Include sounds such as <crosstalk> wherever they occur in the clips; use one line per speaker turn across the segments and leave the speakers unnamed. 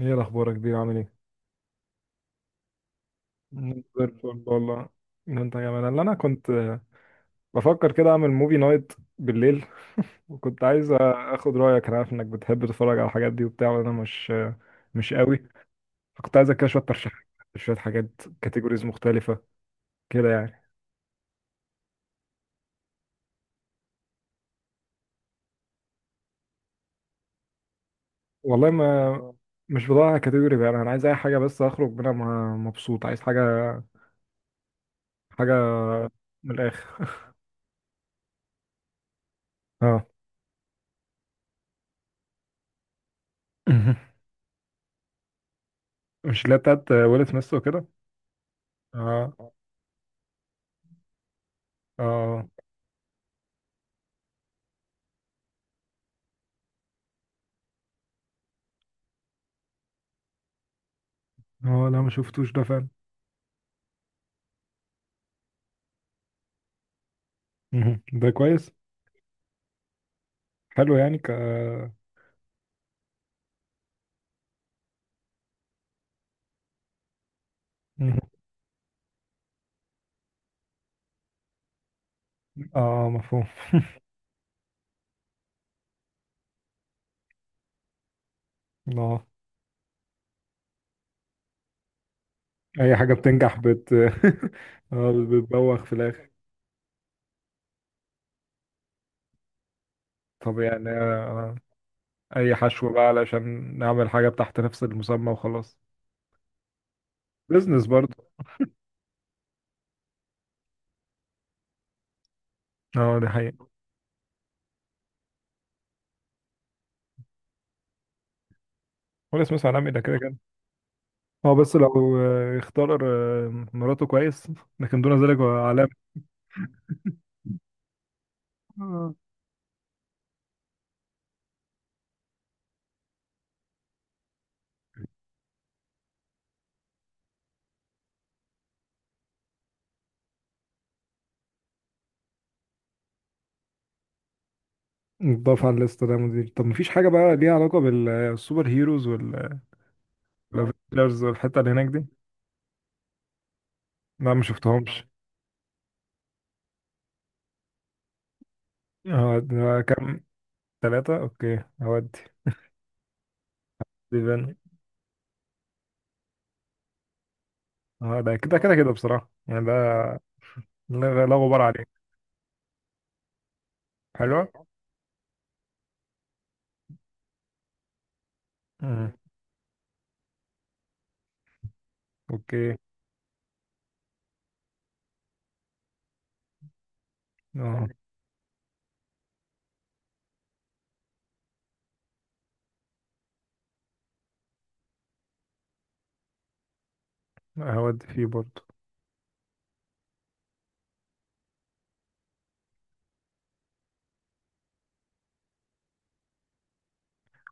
ايه الاخبار يا كبير، عامل ايه؟ مم. زي الفل والله. إن انت كمان اللي انا كنت بفكر كده اعمل موفي نايت بالليل. وكنت عايز اخد رايك. انا عارف انك بتحب تتفرج على الحاجات دي وبتاع، وانا مش مش قوي. فكنت عايزك كده شويه ترشيحات، شويه حاجات، كاتيجوريز مختلفه كده يعني. والله ما، مش بدور على كاتيجوري بقى، انا عايز اي حاجه بس اخرج منها مبسوط. عايز حاجه من الاخر. اه. <laughs> مش اللي هي بتاعت ويل سميث وكده؟ اه، اه، اه، لا ما شفتوش ده فعلا. مهم. ده كويس. حلو يعني مهم. اه مفهوم. اه اي حاجة بتنجح <laughs> بتبوخ في الاخر. طب يعني اي حشو بقى علشان نعمل حاجة تحت نفس المسمى وخلاص. بزنس برضه. اه دي حقيقة. ولا اسمه سلام ده كده كده. اه بس لو اختار مراته كويس، لكن دون ذلك هو علامة. آه. نضاف على الليسته ده مدير. طب مفيش حاجة بقى ليها علاقة بالسوبر هيروز والافينجرز والحتة اللي هناك دي، لا ما شفتهمش. هو ده كام؟ ثلاثة. اوكي هودي. ديفين. اه ده كده كده كده بصراحة يعني ده، لا لا غبار عليه. حلوة. مم. اوكي. اه هودي فيه برضه.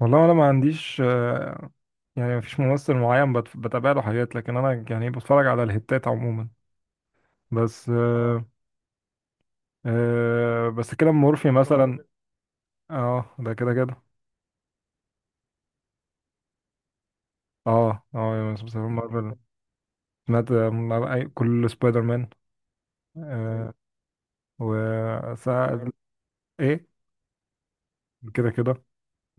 والله انا ما عنديش يعني مفيش ممثل معين بتابع له حاجات، لكن انا يعني بتفرج على الهتات عموما. بس آه آه بس كده مورفي مثلا. اه ده كده كده. اه، اه، بس مارفل. سمعت كل سبايدر مان. آه و ايه. كده كده.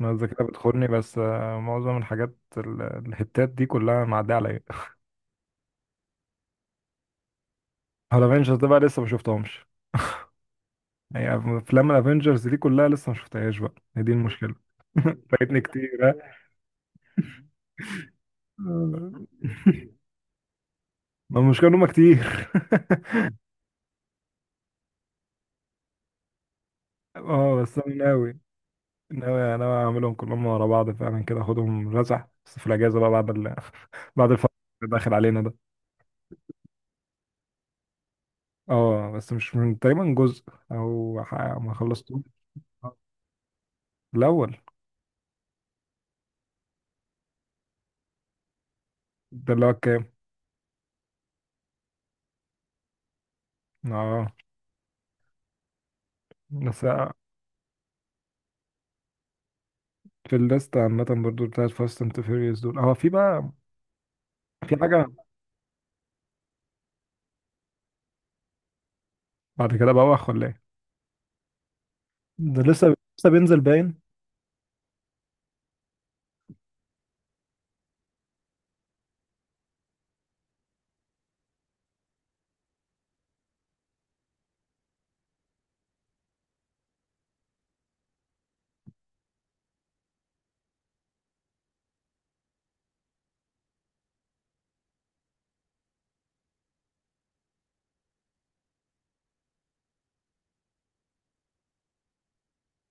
انا الذاكره بتخوني بس معظم الحاجات الهتات دي كلها معديه عليا. على افنجرز ده بقى لسه ما شفتهمش. هي افلام الافنجرز دي كلها لسه ما شفتهاش بقى، هي دي المشكله. <laughs> فايتني كتير، ها. آه. <laughs> ما المشكله ان هم كتير. <laughs> اه بس انا ناوي ناوي ناوي اعملهم كلهم ورا بعض فعلا، كده اخدهم رزع بس في الاجازه بقى بعد <laughs> بعد الفتره اللي داخل علينا ده. اه بس مش من تقريبا جزء او ما خلصتهم الاول. ده اللي هو كام؟ اه بس في الليست عامة برضو بتاعت فاست اند فيوريوس دول هو في بقى، في حاجة بعد كده بقى ولا ايه؟ ده لسه لسه بينزل باين.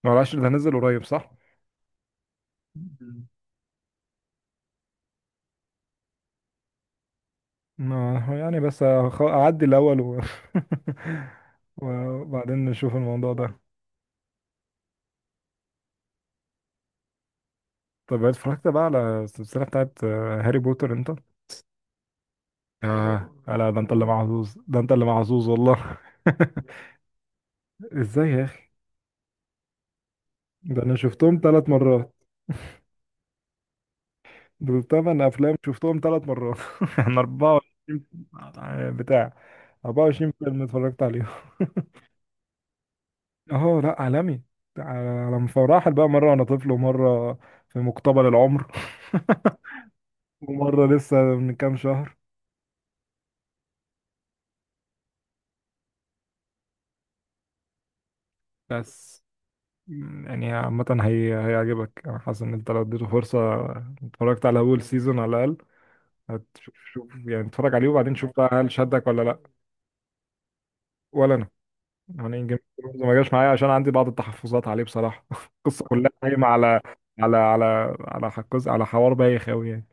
معلش ده نزل قريب صح؟ مم. ما هو يعني بس أعدي الأول و... <laughs> وبعدين نشوف الموضوع ده. طب اتفرجت بقى على السلسلة بتاعت هاري بوتر انت؟ آه لا، ده انت اللي محظوظ، ده انت اللي محظوظ والله. <laughs> ازاي يا اخي؟ ده انا شفتهم ثلاث مرات. دول تمن افلام شفتهم ثلاث مرات <laughs> يعني 24، بتاع 24 فيلم اتفرجت عليهم. <laughs> اه لا، عالمي. على مفرحل بقى، مره وانا طفل، ومره في مقتبل العمر، <laughs> ومره لسه من كام شهر. بس يعني عامه هي هيعجبك، انا حاسس ان انت لو اديته فرصه، اتفرجت على اول سيزون على الاقل، هتشوف. شوف يعني اتفرج عليه وبعدين شوف بقى هل شدك ولا لا. ولا انا، يعني جيمس بوند ما جاش معايا عشان عندي بعض التحفظات عليه بصراحة. <laughs> القصة كلها قايمة على على حكوز، على حوار بايخ أوي يعني.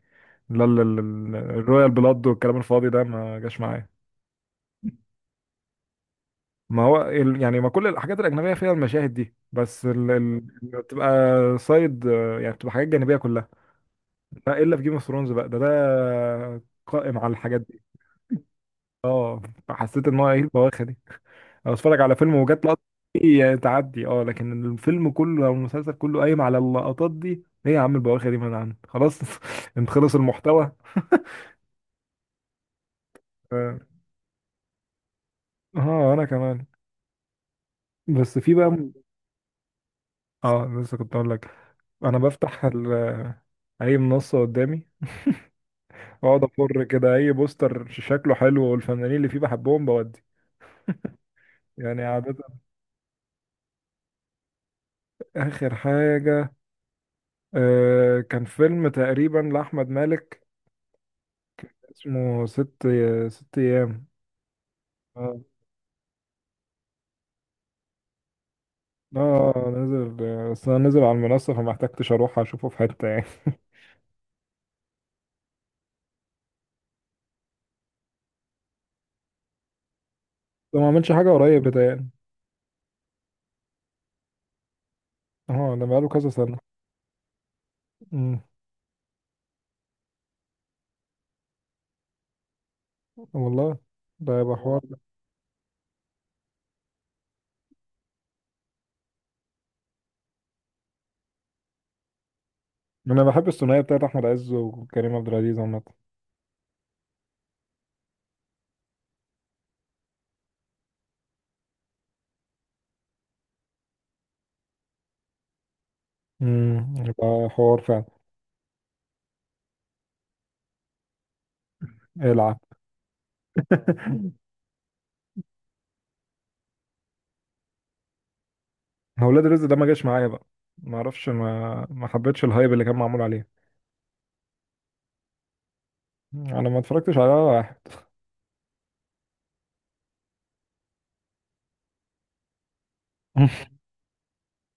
لا الرويال بلاد والكلام الفاضي ده ما جاش معايا. ما هو يعني ما كل الحاجات الأجنبية فيها المشاهد دي، بس بتبقى سايد، يعني بتبقى حاجات جانبية كلها. لا، إلا في جيم اوف ثرونز بقى ده قائم على الحاجات دي. اه فحسيت إن هو إيه البواخة دي؟ او اتفرج على فيلم وجات لقطه دي تعدي، اه، لكن الفيلم كله او المسلسل كله قايم على اللقطات دي، ايه يا عم البواخر دي، من عندك خلاص. <laughs> انت خلص المحتوى. اه انا كمان. بس في بقى. اه لسه كنت اقول لك، انا بفتح اي منصه قدامي، واقعد افر كده اي بوستر شكله حلو والفنانين اللي فيه بحبهم بودي يعني، عادة. آخر حاجة كان فيلم تقريبا لأحمد مالك، اسمه ست أيام. آه، اه نزل، بس انا نزل على المنصة فما احتجتش اروح اشوفه في حتة يعني. <laughs> ده ما عملش حاجة قريب بتهيألي. اه ده بقاله كذا سنة. امم. والله ده يبقى حوار. انا بحب الثنائية بتاعت احمد عز وكريم عبد العزيز عامة. يبقى حوار فعلا. العب. <laughs> هو ولاد رزق ده ما جاش معايا بقى، ما اعرفش، ما حبيتش الهايب اللي كان معمول عليه. انا ما اتفرجتش على ولا واحد. <laughs>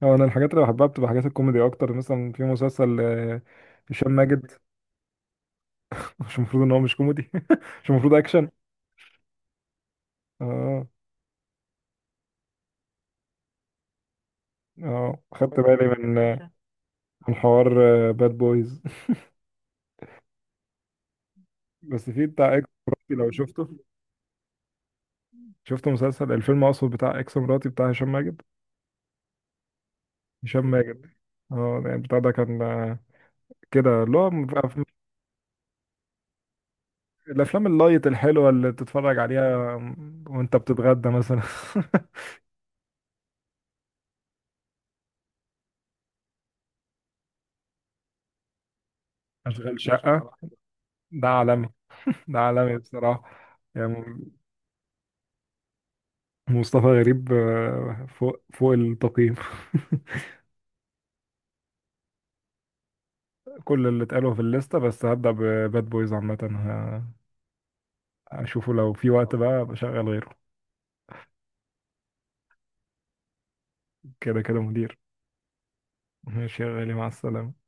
هو انا الحاجات اللي بحبها بتبقى حاجات الكوميدي اكتر، مثلا في مسلسل هشام ماجد. <laughs> مش المفروض ان هو مش كوميدي؟ <laughs> مش المفروض اكشن. اه، اه، خدت بالي من حوار باد بويز. <laughs> بس في بتاع اكس مراتي لو شفته، شفته مسلسل، الفيلم اقصد، بتاع اكس مراتي بتاع هشام ماجد. هشام ماجد، اه يعني بتاع ده كان كده اللي هو الافلام اللايت الحلوه اللي تتفرج عليها وانت بتتغدى مثلا. <laughs> اشغال شقه ده عالمي، ده عالمي بصراحه. يعني مصطفى غريب فوق فوق التقييم. <laughs> كل اللي اتقالوا في الليسته، بس هبدأ بباد بويز عامة هشوفه لو في وقت بقى بشغل غيره. كده كده مدير. ماشي يا غالي، مع السلامة.